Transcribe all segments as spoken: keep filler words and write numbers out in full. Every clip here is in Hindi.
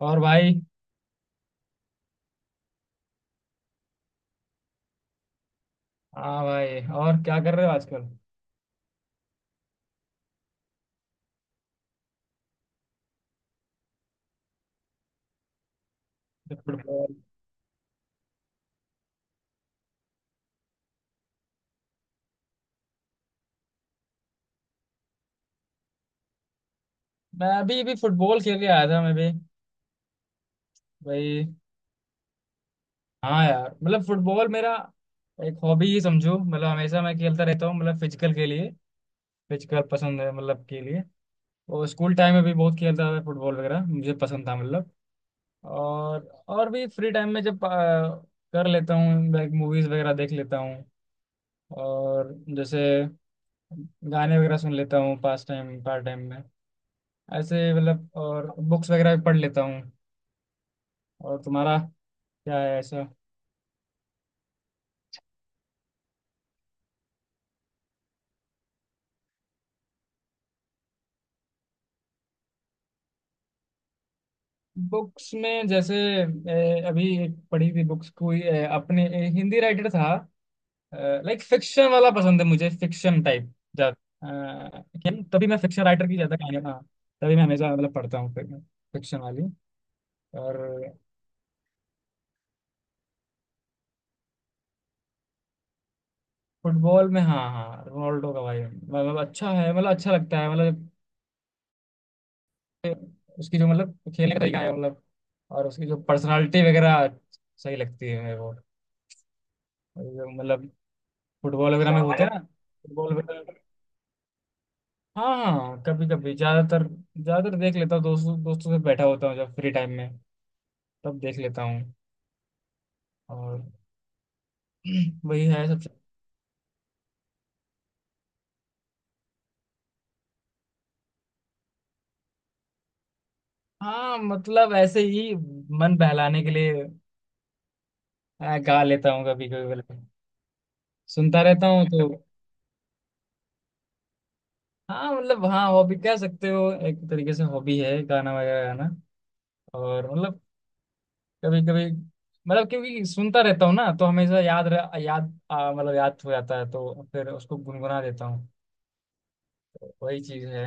और भाई। हाँ भाई, और क्या कर रहे हो आजकल? फुटबॉल? मैं अभी भी फुटबॉल खेल के आया था, मैं भी भाई। हाँ यार, मतलब फुटबॉल मेरा एक हॉबी ही समझो, मतलब हमेशा मैं खेलता रहता हूँ, मतलब फिजिकल के लिए। फिजिकल पसंद है मतलब के लिए। और स्कूल टाइम में भी बहुत खेलता था, फुटबॉल वगैरह मुझे पसंद था मतलब। और और भी फ्री टाइम में जब आ, कर लेता हूँ, लाइक मूवीज वगैरह देख लेता हूँ, और जैसे गाने वगैरह सुन लेता हूँ पास टाइम पार्ट टाइम में, ऐसे मतलब। और बुक्स वगैरह भी पढ़ लेता हूँ। और तुम्हारा क्या है ऐसा? बुक्स में जैसे, ए, अभी एक पढ़ी थी बुक्स कोई, ए, अपने ए, हिंदी राइटर था। लाइक फिक्शन वाला पसंद है मुझे, फिक्शन टाइप ज्यादा। अ, क्या- तभी मैं फिक्शन राइटर की ज्यादा कहानी, हाँ। तभी मैं हमेशा मतलब पढ़ता हूँ फिक्शन वाली। और फुटबॉल में हाँ हाँ, रोनाल्डो का भाई मतलब अच्छा है, मतलब अच्छा लगता है मतलब। उसकी जो मतलब खेलने का तरीका है मतलब, और उसकी जो पर्सनालिटी वगैरह सही लगती है मेरे को मतलब। फुटबॉल वगैरह में अच्छा होते है हैं ना। फुटबॉल वगैरह, हाँ हाँ कभी कभी, ज्यादातर ज्यादातर देख लेता हूँ, दोस्तों दोस्तों से बैठा होता हूँ जब फ्री टाइम में, तब देख लेता हूँ। और वही है सबसे। हाँ मतलब ऐसे ही मन बहलाने के लिए आ, गा लेता हूँ कभी कभी मतलब, सुनता रहता हूँ तो। हाँ मतलब, हाँ हॉबी कह सकते हो एक तरीके से, हॉबी है गाना वगैरह गाना। और मतलब कभी कभी मतलब, क्योंकि सुनता रहता हूँ ना तो हमेशा याद रह, याद आ, मतलब याद हो जाता है तो फिर उसको गुनगुना देता हूँ। तो वही चीज है।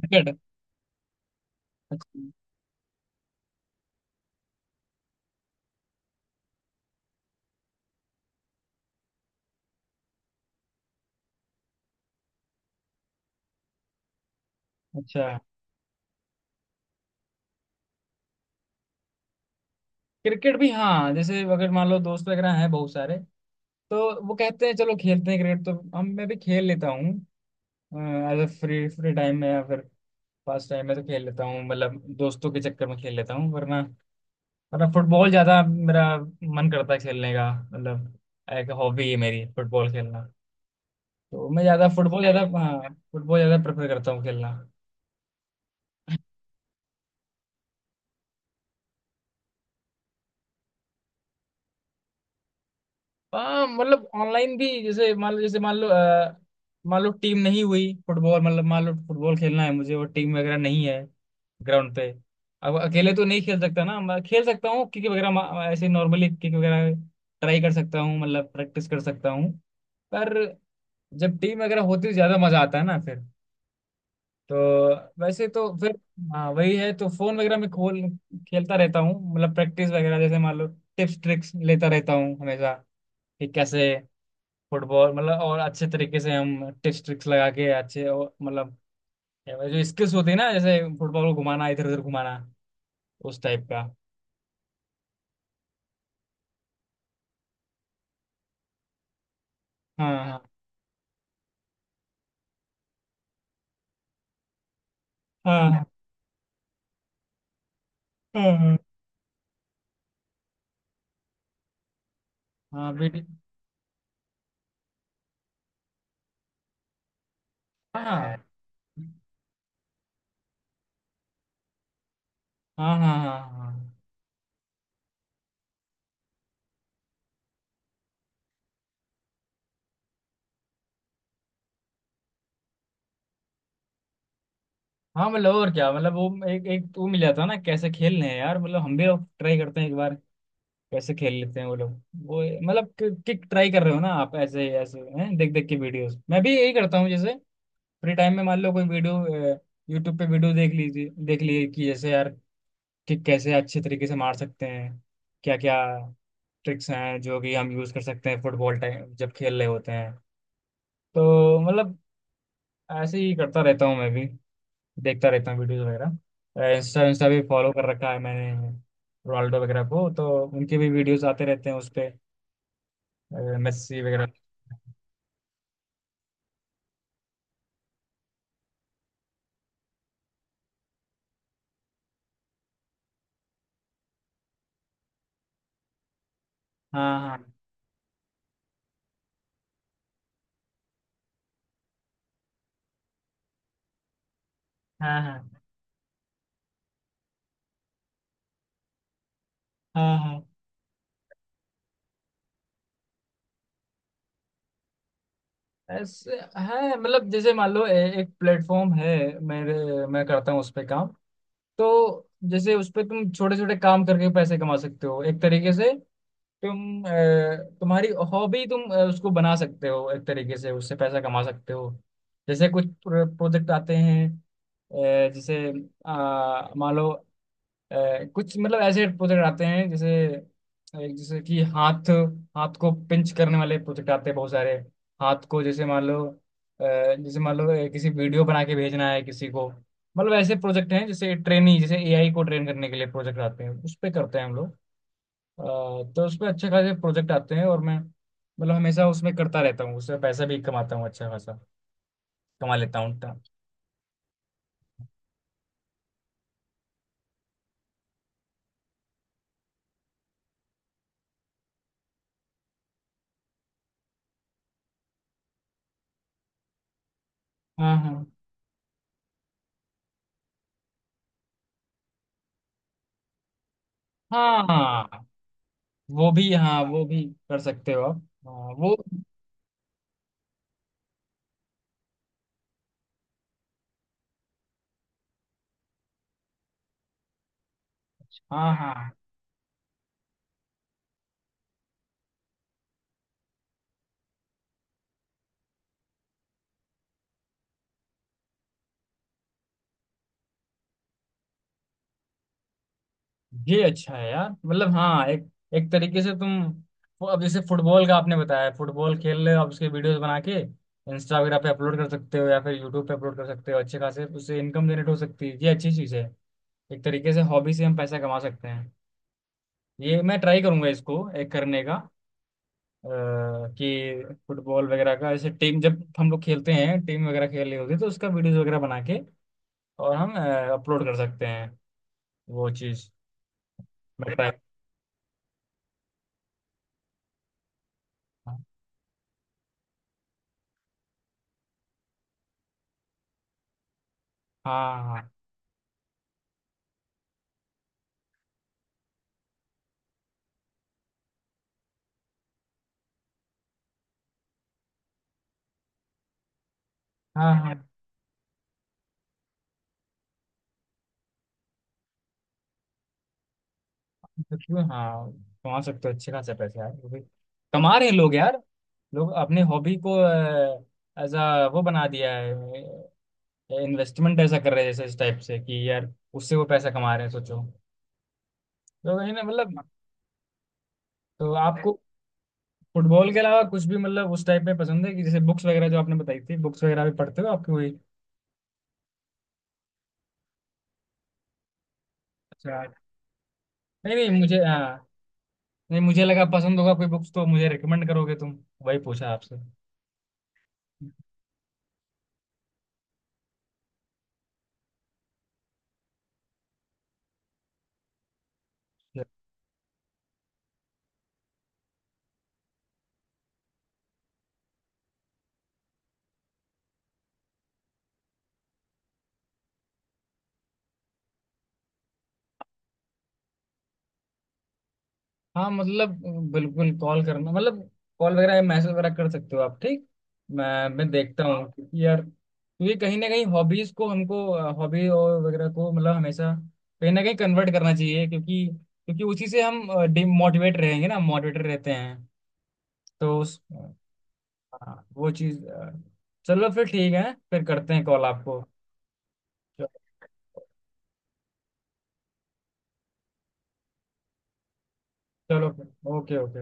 क्रिकेट? अच्छा। अच्छा। क्रिकेट भी हाँ, जैसे अगर मान लो दोस्त वगैरह हैं बहुत सारे तो वो कहते हैं चलो खेलते हैं क्रिकेट, तो हम मैं भी खेल लेता हूँ। एज फ्री फ्री टाइम में या फिर पास टाइम में, तो खेल लेता हूँ मतलब, दोस्तों के चक्कर में खेल लेता हूँ, वरना वरना फुटबॉल ज्यादा मेरा मन करता है खेलने का मतलब। एक हॉबी है मेरी फुटबॉल खेलना, तो मैं ज्यादा फुटबॉल ज्यादा, हाँ फुटबॉल ज्यादा प्रेफर करता हूँ खेलना। हाँ मतलब ऑनलाइन भी, जैसे मान लो, जैसे मान लो अ, मान लो टीम नहीं हुई फुटबॉल मतलब, मान लो फुटबॉल खेलना है मुझे और टीम वगैरह नहीं है ग्राउंड पे। अब अकेले तो नहीं खेल सकता ना मैं, खेल सकता हूँ किक वगैरह मा- ऐसे नॉर्मली किक वगैरह ट्राई कर सकता हूँ मतलब, प्रैक्टिस कर सकता हूँ। पर जब टीम वगैरह होती है तो ज्यादा मजा आता है ना फिर, तो वैसे तो फिर हाँ वही है। तो फोन वगैरह में खोल खेलता रहता हूँ मतलब प्रैक्टिस वगैरह, जैसे मान लो टिप्स ट्रिक्स लेता रहता हूँ हमेशा, कि कैसे फुटबॉल मतलब और अच्छे तरीके से हम टिप्स ट्रिक्स लगा के अच्छे और मतलब, जो स्किल्स होती है ना जैसे फुटबॉल को घुमाना इधर उधर घुमाना, उस टाइप का। हाँ हाँ हाँ हाँ। हाँ हाँ बेटी। हाँ हाँ हाँ हाँ। हाँ हाँ मतलब, और क्या मतलब वो एक एक तो वो मिल जाता है ना, कैसे खेल रहे हैं यार मतलब हम भी ट्राई करते हैं एक बार, कैसे खेल लेते हैं वो लोग वो मतलब। किक ट्राई कर रहे हो ना आप, ऐसे ऐसे हैं देख देख के वीडियोस, मैं भी यही करता हूँ, जैसे फ्री टाइम में मान लो कोई वीडियो, यूट्यूब पे वीडियो देख लीजिए, देख लिए कि जैसे यार, किक कैसे अच्छे तरीके से मार सकते हैं, क्या क्या ट्रिक्स हैं जो कि हम यूज कर सकते हैं फुटबॉल टाइम जब खेल रहे होते हैं, तो मतलब ऐसे ही करता रहता हूँ मैं भी। देखता रहता हूँ वीडियोस वगैरह, इंस्टा इंस्टा भी फॉलो कर रखा है मैंने रोनाल्डो वगैरह को, तो उनके भी वीडियोस आते रहते हैं उस पे, अ, मेस्सी वगैरह। हाँ हाँ हाँ हाँ हाँ हाँ, ऐसे है मतलब, जैसे मान लो ए, एक प्लेटफॉर्म है मेरे, मैं करता हूँ उस पे काम। तो जैसे उस पे तुम छोटे छोटे काम करके पैसे कमा सकते हो एक तरीके से। तुम अ, तुम्हारी हॉबी, तुम अ, उसको बना सकते हो एक तरीके से, उससे पैसा कमा सकते हो। जैसे कुछ प्रोजेक्ट आते हैं, अ, जैसे अ, मान लो अ, कुछ मतलब ऐसे प्रोजेक्ट आते हैं, जैसे एक जैसे कि हाथ, हाथ को पिंच करने वाले प्रोजेक्ट आते हैं बहुत सारे। हाथ को जैसे मान लो अ, जैसे मान लो ए, किसी वीडियो बना के भेजना है किसी को। मतलब ऐसे प्रोजेक्ट हैं, जैसे ट्रेनिंग, जैसे एआई को ट्रेन करने के लिए प्रोजेक्ट आते हैं, उस पे करते हैं हम लोग। अ, तो उसमें अच्छे खासे प्रोजेक्ट आते हैं, और मैं मतलब हमेशा उसमें करता रहता हूँ, उसमें पैसा भी कमाता हूँ, अच्छा खासा कमा लेता हूँ। हाँ हाँ हाँ, वो भी, हाँ वो भी कर सकते हो आप। हाँ, वो। हाँ हाँ हाँ। ये अच्छा है यार, मतलब हाँ, एक एक तरीके से तुम वो, अब जैसे फुटबॉल का आपने बताया, फुटबॉल खेल रहे हो आप, उसके वीडियोस बना के इंस्टा वगैरह पे अपलोड कर सकते हो या फिर यूट्यूब पे अपलोड कर सकते हो, अच्छे खासे उससे इनकम जनरेट हो सकती है, ये अच्छी चीज़ है। एक तरीके से हॉबी से हम पैसा कमा सकते हैं, ये मैं ट्राई करूंगा इसको एक करने का। अ, कि फुटबॉल वगैरह का, जैसे टीम जब हम लोग खेलते हैं, टीम वगैरह खेल रही होती है तो उसका वीडियोस वगैरह बना के, और हम अपलोड कर सकते हैं वो चीज़। मैं ट्राई। हाँ हाँ हाँ हाँ। तो क्यों हाँ, कमा सकते हो अच्छे खासे पैसे यार, वो भी कमा रहे हैं लोग यार। लोग अपने हॉबी को एज अ वो बना दिया है, इन्वेस्टमेंट ऐसा कर रहे हैं, जैसे इस टाइप से कि यार, उससे वो पैसा कमा रहे हैं, सोचो। तो वही ना मतलब। तो आपको फुटबॉल के अलावा कुछ भी मतलब उस टाइप में पसंद है, कि जैसे बुक्स वगैरह जो आपने बताई थी, बुक्स वगैरह भी पढ़ते हो आपकी कोई? अच्छा। नहीं नहीं मुझे, हाँ, नहीं मुझे लगा पसंद होगा कोई बुक्स तो मुझे रिकमेंड करोगे तुम, वही पूछा आपसे। हाँ मतलब, बिल्कुल कॉल करना मतलब, कॉल वगैरह मैसेज वगैरह कर सकते हो आप, ठीक। मैं मैं देखता हूँ, क्योंकि यार, क्योंकि कहीं ना कहीं हॉबीज को हमको, हॉबी और वगैरह को मतलब हमेशा कहीं ना कहीं कन्वर्ट करना चाहिए, क्योंकि क्योंकि उसी से हम डिमोटिवेट रहेंगे ना, मोटिवेटेड रहते हैं तो उस। हाँ, वो चीज़, अ, चलो फिर ठीक है, फिर करते हैं कॉल आपको। चलो। चलो फिर। Okay okay.